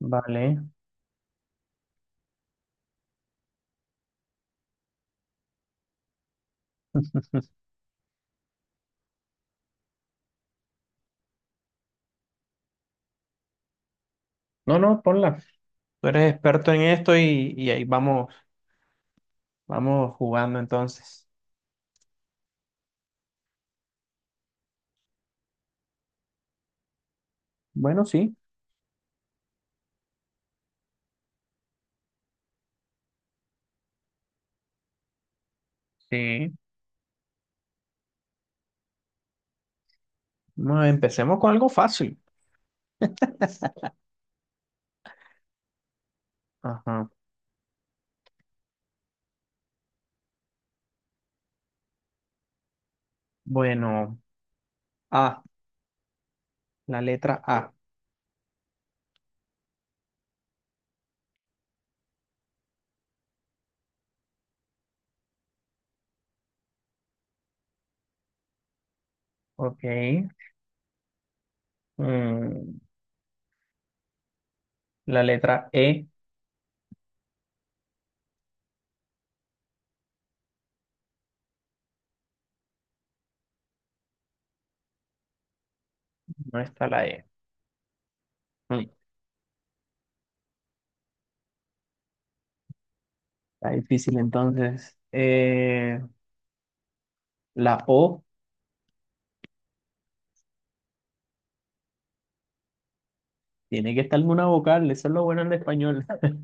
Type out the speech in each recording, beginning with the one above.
Vale. No, no, ponla. Tú eres experto en esto y ahí vamos, vamos jugando entonces. Bueno, sí. Sí. Bueno, empecemos con algo fácil. Ajá. Bueno, A, la letra A. Ok. Mm, la letra E, no está la E. Mm, Está difícil entonces. La O, tiene que estar una vocal, eso es lo bueno en español.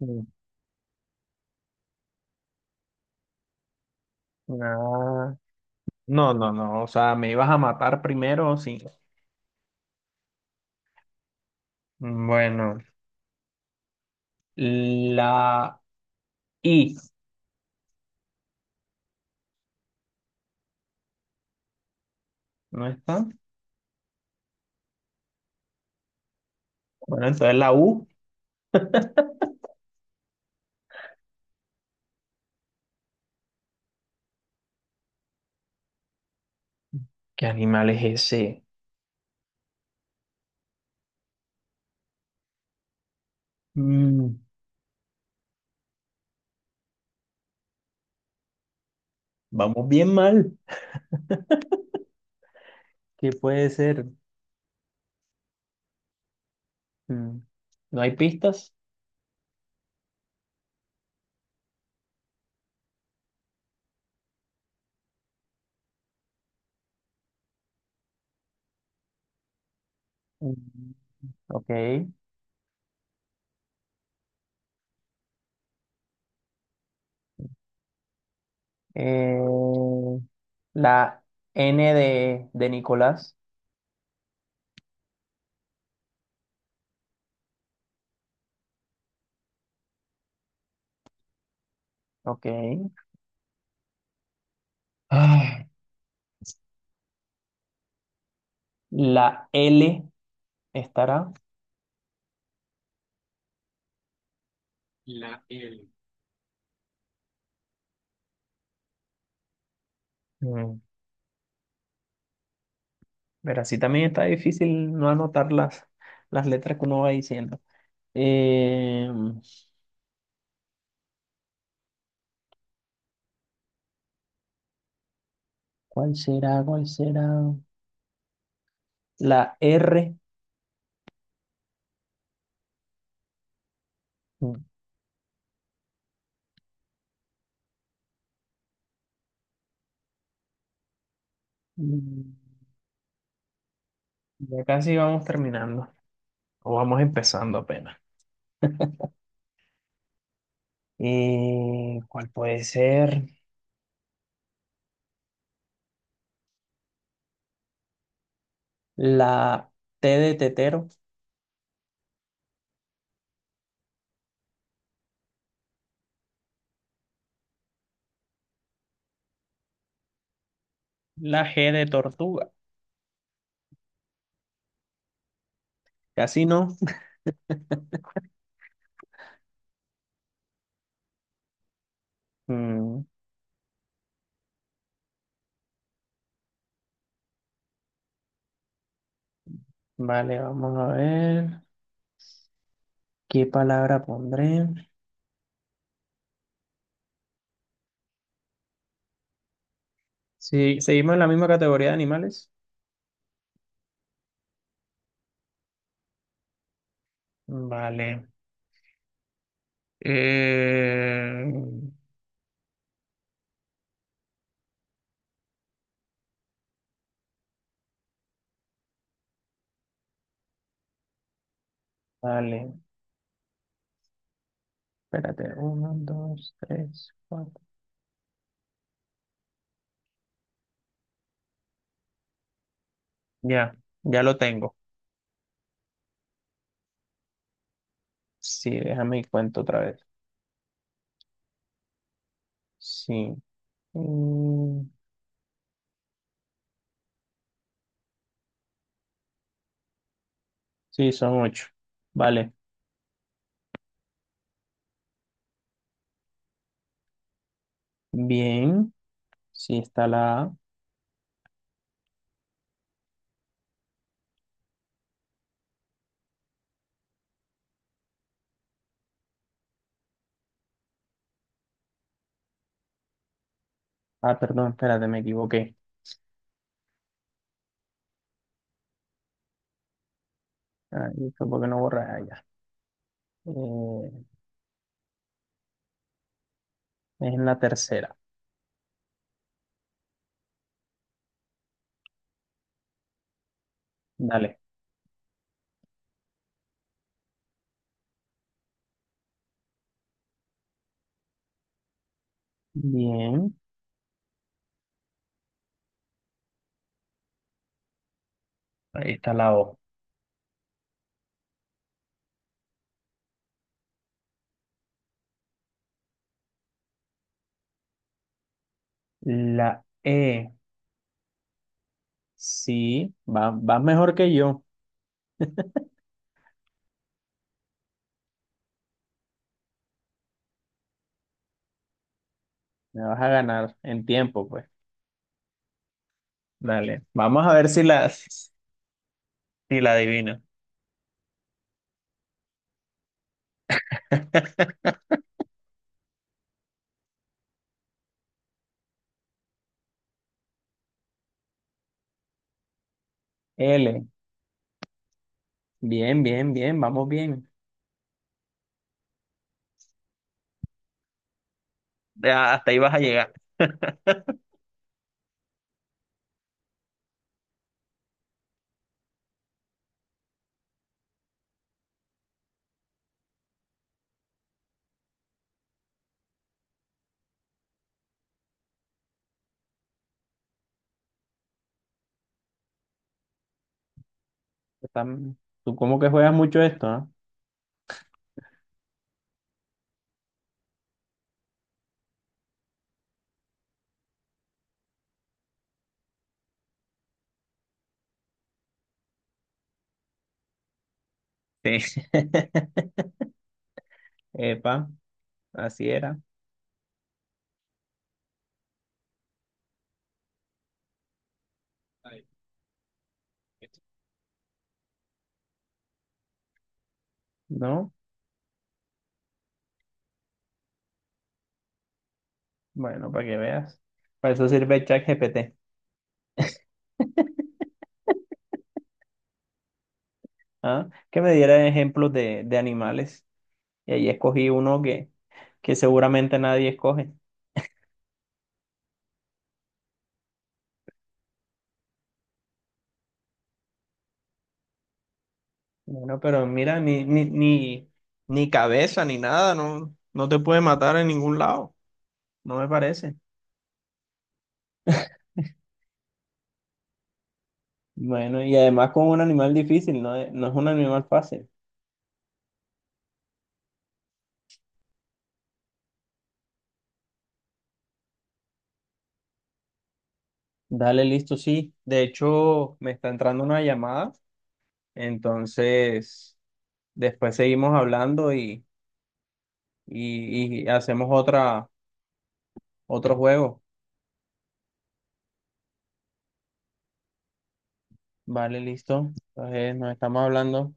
Mm, ah, No, no, no, o sea, me ibas a matar primero, sí. Bueno, la I, ¿no está? Bueno, entonces la U, ¿qué animal es ese? Mm, vamos bien mal. ¿Qué puede ser? Mm, ¿No hay pistas? Mm, ok. Eh, la N de Nicolás, ok. Ah, la L estará. La L. Mm, pero así también está difícil no anotar las letras que uno va diciendo. Eh, ¿Cuál será? ¿Cuál será? La R. Mm, Ya casi vamos terminando. O vamos empezando apenas. ¿Cuál puede ser? La T de tetero. La G de tortuga. Casi no. Mm, vale, vamos a ver. ¿Qué palabra pondré? Sí, seguimos en la misma categoría de animales. Vale. Eh, vale. Espérate, uno, dos, tres, cuatro. Ya, ya lo tengo. Sí, déjame y cuento otra vez. Sí. Mm, sí, son ocho. Vale. Bien. Sí, está la A. Ah, perdón, espérate, me equivoqué. Ahí fue porque no borré allá. Eh, es en la tercera. Dale. Bien. Ahí está la O. La E. Sí, vas mejor que yo. Me vas a ganar en tiempo, pues. Dale. Vamos a ver si si la adivino. L. Bien, bien, bien, vamos bien. Ya, hasta ahí vas a llegar. Están- Tú como que juegas mucho esto, ¿no? Sí. Epa, así era, ¿no? Bueno, para que veas. Para eso sirve ChatGPT, ¿ah? Que me diera ejemplos de animales. Y ahí escogí uno que seguramente nadie escoge. Bueno, pero mira, ni cabeza ni nada, no, no te puede matar en ningún lado. No me parece. Bueno, y además con un animal difícil, no es un animal fácil. Dale, listo, sí. De hecho, me está entrando una llamada, entonces después seguimos hablando y hacemos otro juego. Vale, listo. Entonces nos estamos hablando.